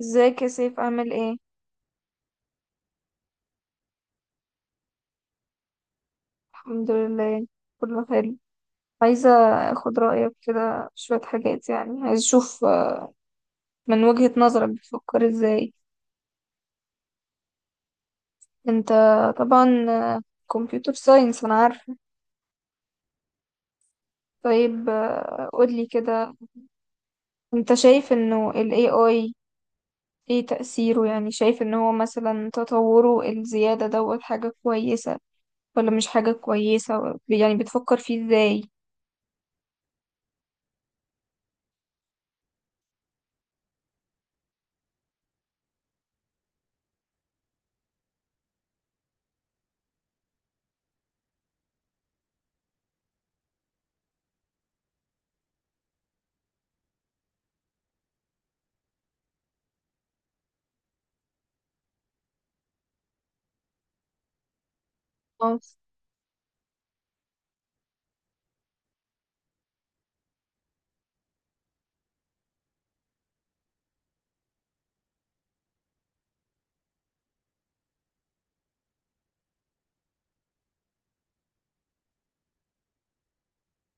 ازيك يا سيف؟ عامل ايه؟ الحمد لله، كله حلو. عايزة اخد رأيك كده في شوية حاجات، يعني عايز اشوف، من وجهة نظرك بتفكر ازاي؟ انت طبعا، كمبيوتر ساينس، انا عارفة. طيب، قولي كده، انت شايف انه ال AI ايه تأثيره؟ يعني شايف ان هو مثلا تطوره الزيادة دوت حاجة كويسة ولا مش حاجة كويسة؟ يعني بتفكر فيه ازاي؟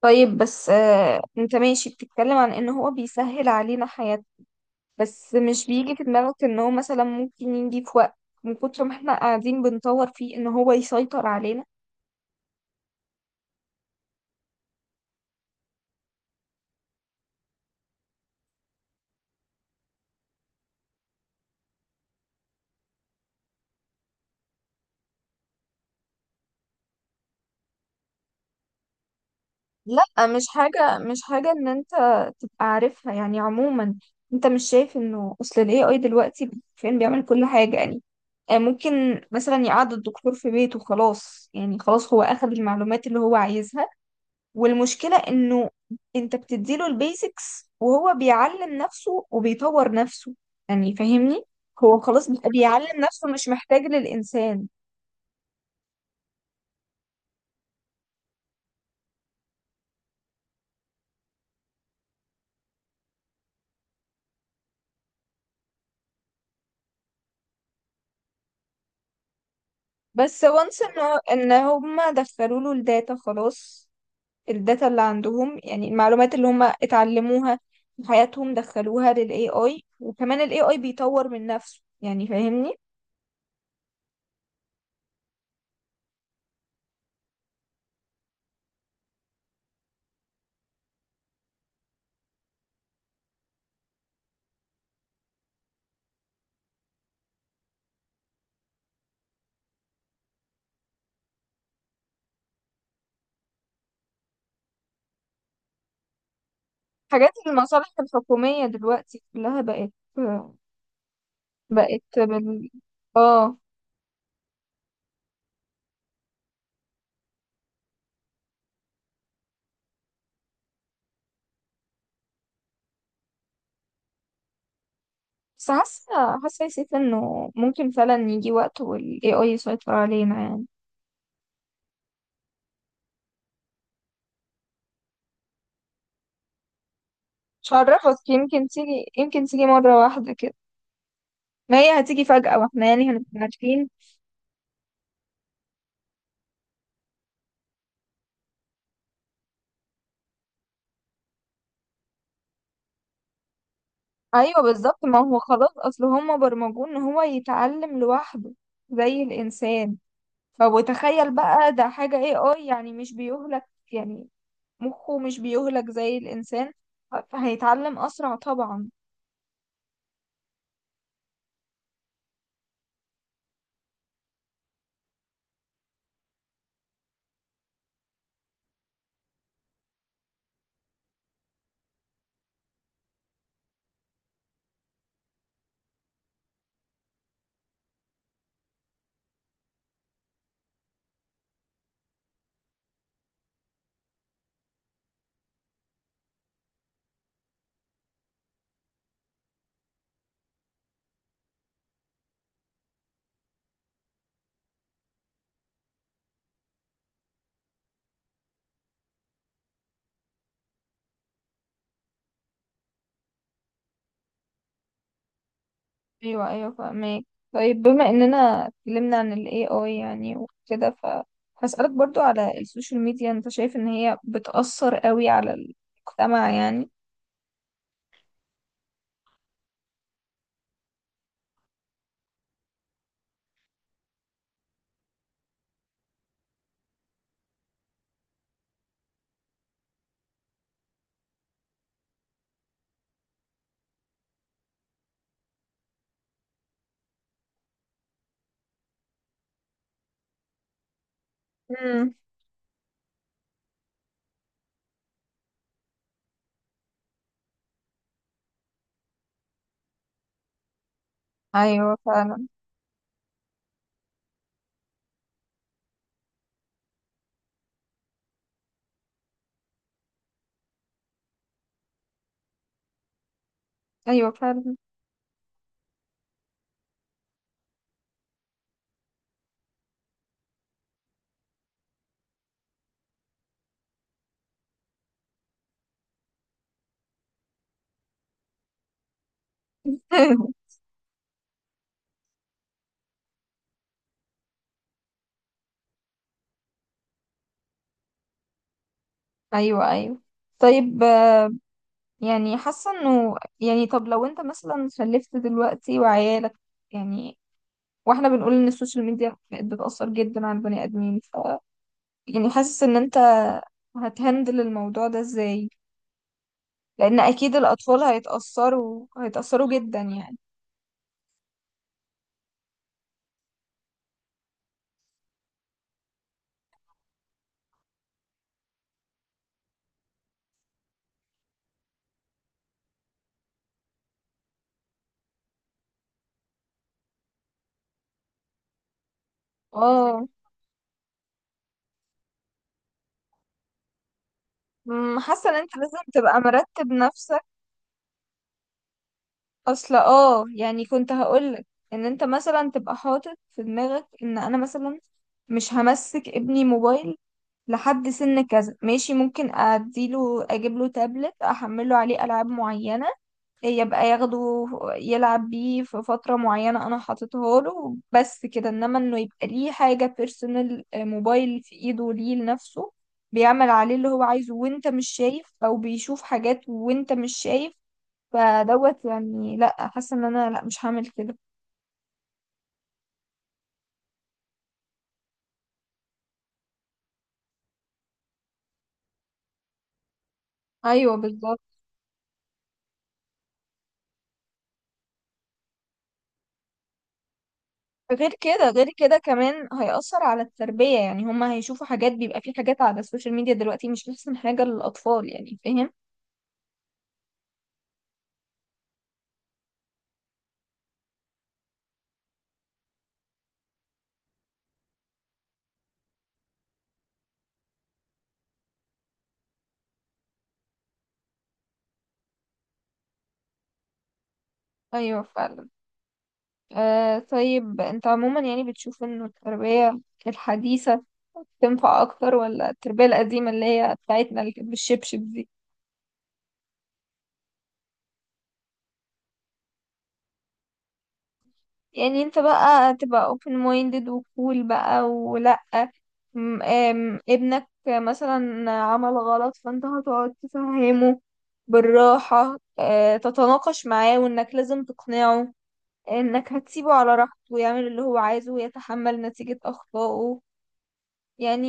طيب بس انت ماشي بتتكلم عن ان هو بيسهل علينا حياتنا، بس مش بيجي في دماغك ان هو مثلا ممكن يجي في وقت من كتر ما احنا قاعدين بنطور فيه ان هو يسيطر علينا؟ لا، مش حاجة ان انت تبقى عارفها، يعني عموما. انت مش شايف انه اصل ال AI دلوقتي فين؟ بيعمل كل حاجة يعني. ممكن مثلا يقعد الدكتور في بيته، خلاص يعني، خلاص هو اخذ المعلومات اللي هو عايزها. والمشكلة انه انت بتديله البيزكس، وهو بيعلم نفسه وبيطور نفسه، يعني فاهمني؟ هو خلاص بيبقى بيعلم نفسه، مش محتاج للإنسان. بس وانس انه ان هما دخلوا له الداتا، خلاص الداتا اللي عندهم، يعني المعلومات اللي هما اتعلموها في حياتهم دخلوها للاي اي، وكمان الاي اي بيطور من نفسه، يعني فاهمني؟ حاجات المصالح الحكومية دلوقتي كلها بقت. اه، بس حاسة يا سيف انه ممكن فعلا يجي وقت وال AI يسيطر علينا يعني. مش هعرفك، يمكن تيجي مرة واحدة كده. ما هي هتيجي فجأة واحنا يعني هنبقى عارفين. ايوه، بالظبط، ما هو خلاص اصل هما برمجوه ان هو يتعلم لوحده، زي الانسان. طب وتخيل بقى ده حاجة AI، يعني مش بيهلك، يعني مخه مش بيهلك زي الانسان، فهيتعلم اسرع طبعا. ايوه، ايوه، فاهمك. طيب، بما اننا اتكلمنا عن ال AI يعني وكده، فهسألك برضو على السوشيال ميديا، انت شايف ان هي بتأثر قوي على المجتمع يعني؟ امم. ايوه، فعلا. ايوه، فعلا. ايوه، ايوه. طيب، يعني حاسه انه، يعني، طب لو انت مثلا خلفت دلوقتي وعيالك، يعني، واحنا بنقول ان السوشيال ميديا بقت بتأثر جدا على البني ادمين، ف يعني حاسس ان انت هتهندل الموضوع ده ازاي؟ لان اكيد الاطفال هيتاثروا جدا يعني. اه. حاسه ان انت لازم تبقى مرتب نفسك اصلا. اه يعني كنت هقولك ان انت مثلا تبقى حاطط في دماغك ان انا مثلا مش همسك ابني موبايل لحد سن كذا. ماشي، ممكن اديله، اجيب له تابلت احمله عليه العاب معينه، يبقى ياخده يلعب بيه في فترة معينة أنا حاططها له، بس كده. إنما إنه يبقى ليه حاجة بيرسونال، موبايل في إيده ليه لنفسه، بيعمل عليه اللي هو عايزه وأنت مش شايف، أو بيشوف حاجات وأنت مش شايف. فدوت يعني لأ، حاسة إن أنا لأ، مش هعمل كده. أيوه، بالظبط. غير كده، غير كده كمان هيأثر على التربية، يعني هما هيشوفوا حاجات، بيبقى في حاجات على السوشيال ميديا دلوقتي مش أحسن حاجة للأطفال، يعني فاهم؟ أيوه، فعلا. طيب انت عموما يعني بتشوف انه التربية الحديثة تنفع اكتر، ولا التربية القديمة اللي هي بتاعتنا اللي كانت بالشبشب دي؟ يعني انت بقى تبقى open minded وكول بقى، ولا م- آم، ابنك مثلا عمل غلط فانت هتقعد تفهمه بالراحة، تتناقش معاه، وانك لازم تقنعه، انك هتسيبه على راحته ويعمل اللي هو عايزه ويتحمل نتيجة اخطائه يعني؟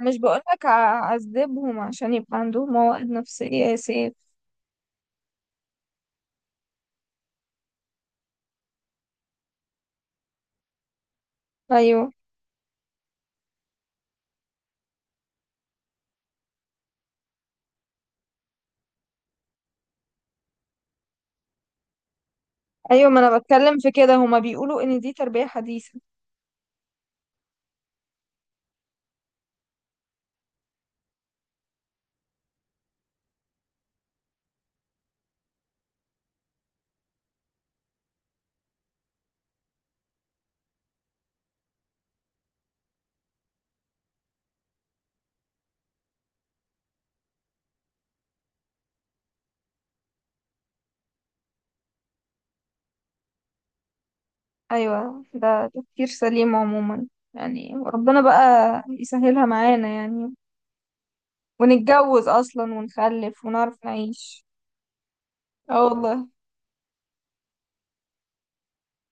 مش بقولك اعذبهم عشان يبقى عندهم مواد نفسية يا سيف. ايوه، ايوه، ما انا بتكلم في كده، هما بيقولوا ان دي تربية حديثة. ايوه، ده تفكير سليم عموما، يعني ربنا بقى يسهلها معانا يعني، ونتجوز اصلا ونخلف ونعرف نعيش. اه والله.